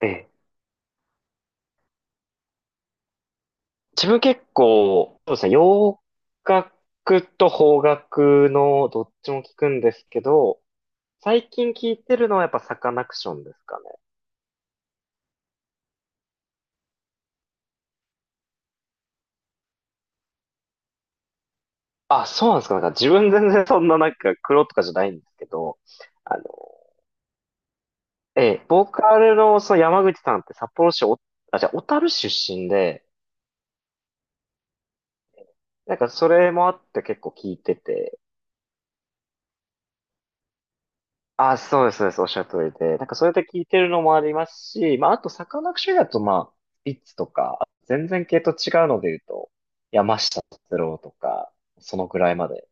ええ、自分結構、そうですね、洋楽と邦楽のどっちも聞くんですけど、最近聞いてるのはやっぱサカナクションですかね。あ、そうなんですか。なんか自分全然そんななんか黒とかじゃないんですけど、あの、ええ、ボーカルのその山口さんって札幌市お、あ、じゃあ小樽出身で、なんかそれもあって結構聞いてて、あ、そうです、そうです。おっしゃる通りで。なんかそうやって聞いてるのもありますし、まあ、あと、サカナクションだと、まあ、ビッツとか、全然系と違うので言うと、山下達郎とか、そのぐらいまで。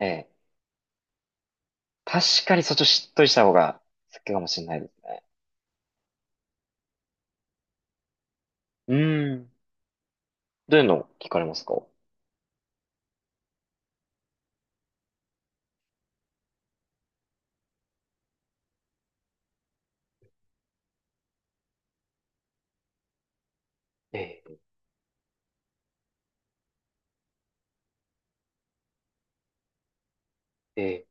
ええ。確かにそっちをしっとりした方が好きかもしれないですね。うーん。どういうの聞かれますか？ええ、ええ、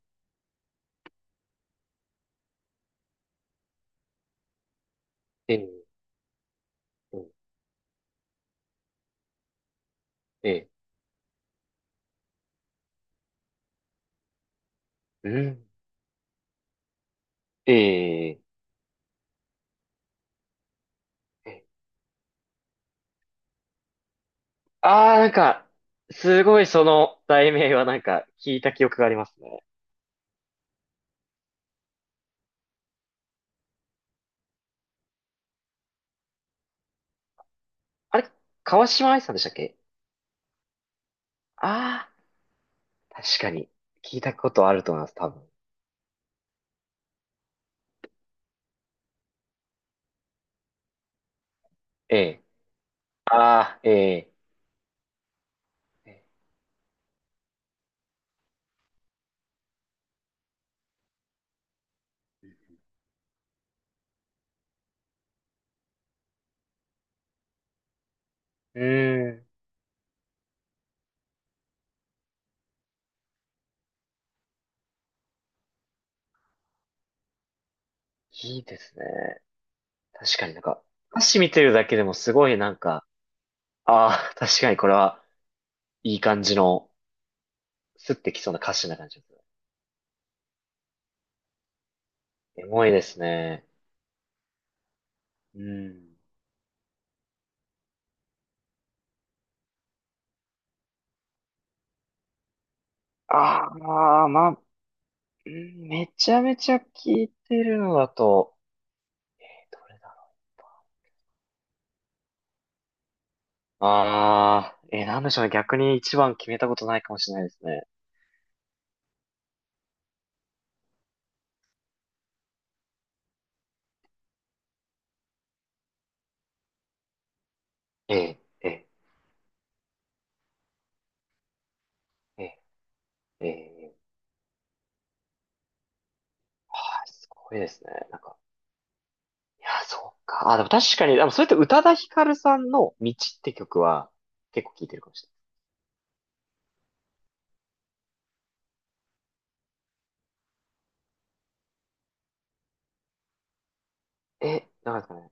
ええ、ええ、うん。ええ、ええ。ああ、なんか、すごいその題名はなんか聞いた記憶がありますね。あれ、川島愛さんでしたっけ？ああ、確かに。聞いたことあると思います、多分。ええ。ああ、ええ。ええうーん。いいですね。確かになんか、歌詞見てるだけでもすごいなんか、ああ、確かにこれはいい感じの、スッてきそうな歌詞な感じですね。エモいですね。うん。ああ、まあ、うんめちゃめちゃ聞いてるのだと、ええ、どれだろう。ああ、ええ、なんでしょうね。逆に一番決めたことないかもしれないですね。ええ、ええ。ええええはい、すごいですね。なんか、いや、そうか。あ、でも確かに、でもそれって宇多田ヒカルさんの道って曲は結構聴いてるかもしれない。え、なんですかね、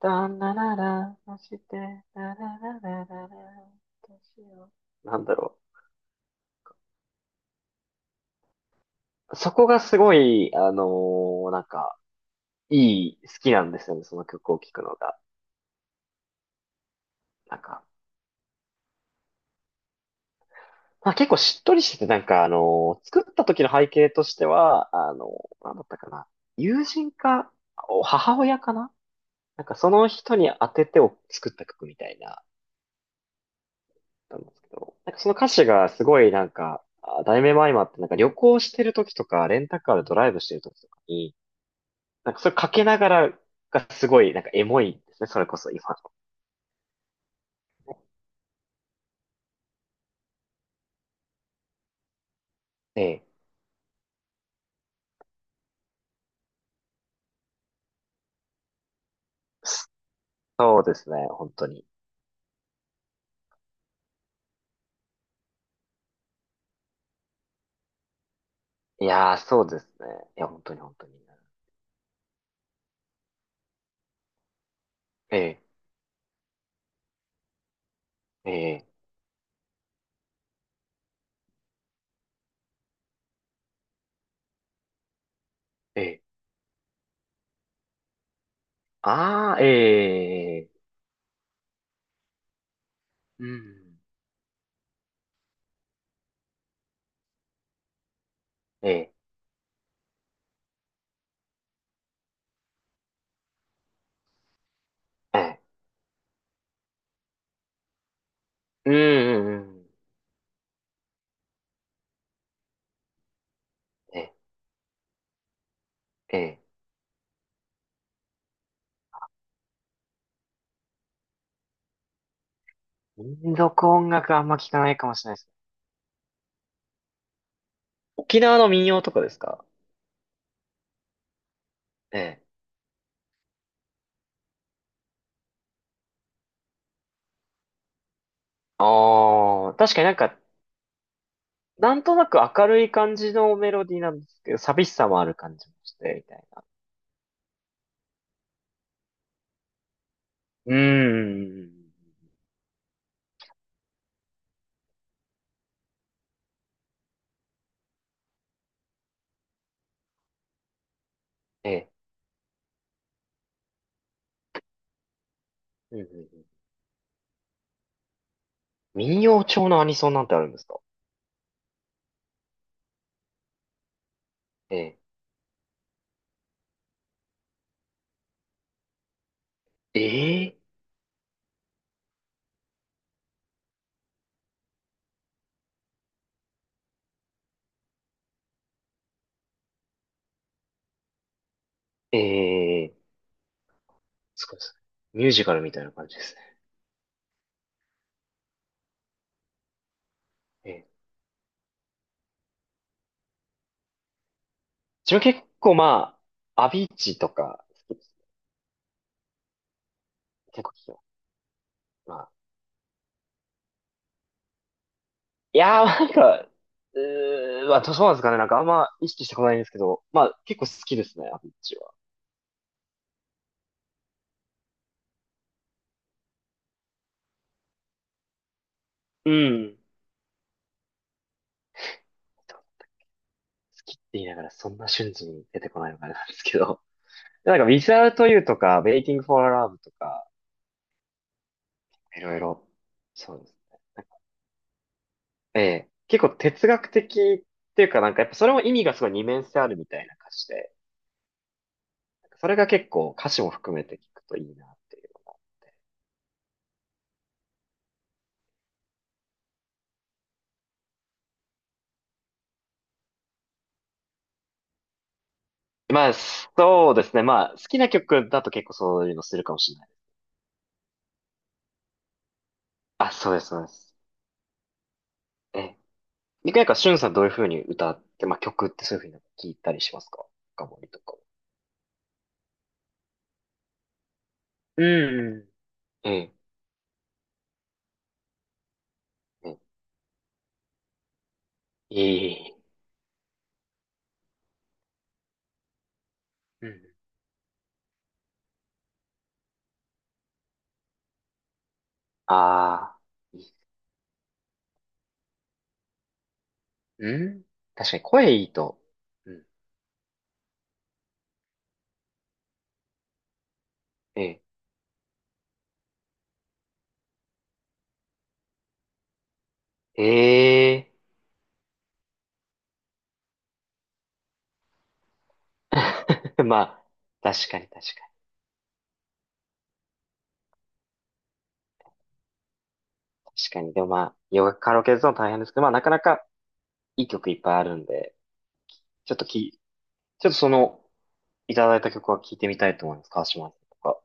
だんだらら、そして、だららららら、どうしよう。なんだろう。そこがすごい、なんか、いい、好きなんですよね、その曲を聴くのが。なんか、まあ、結構しっとりしてて、なんか、作った時の背景としては、なんだったかな。友人か、お母親かな、なんかその人に当ててを作った曲みたいな、なんですけど、なんかその歌詞がすごいなんか、あ題名も相まって、なんか旅行してる時とか、レンタカーでドライブしてる時とかに、なんかそれかけながらがすごい、なんかエモいですね、それこそ今の。ええ。そうですね、本当に。いやー、そうですね。いや、本当に本当に。ええ、ええ、ええ。ああ、ええ、うん、ええ、ええ、うん、うん、うん。ええ、ええ。民族音楽あんま聞かないかもしれないですね。沖縄の民謡とかですか？ええ。ああ、確かになんか、なんとなく明るい感じのメロディーなんですけど、寂しさもある感じもして、みたいな。うーん。ええ。うんうんうん、民謡調のアニソンなんてあるんですか？ええ。ええ。ええ。すごいですね。ミュージカルみたいな感じですね。ええ。自分結構まあ、アビーチとか好きです、結構聞きます。まあいやー、なんか、うーん、まあ、そうなんですかね。なんかあんま意識してことないんですけど、まあ、結構好きですね、アビッチは。うん。好きって言いながらそんな瞬時に出てこないのかななんですけど。なんか、Without You とか、Waiting for Love とか、いろいろ、そうです。ええ。結構哲学的っていうか、なんかやっぱそれも意味がすごい二面性あるみたいな歌詞で、なんかそれが結構歌詞も含めて聞くといいなっていう。まあ、そうですね。まあ、好きな曲だと結構そういうのするかもしれない。あ、そうです、そうです。ええ。でなんか、しゅんさんどういうふうに歌って、まあ、曲ってそういうふうに聞いたりしますか？深掘りとか。うん。ええ。ええ。いい。うん。ああ、いい。うん。確かに声いいと。うん。ええ。ええ。まあ、確かに確かに。確かに。でもまあ、よガカラオケですの大変ですけど、まあ、なかなかいい曲いっぱいあるんで、ちょっとき、ちょっとその、いただいた曲は聴いてみたいと思います。川島さんとか。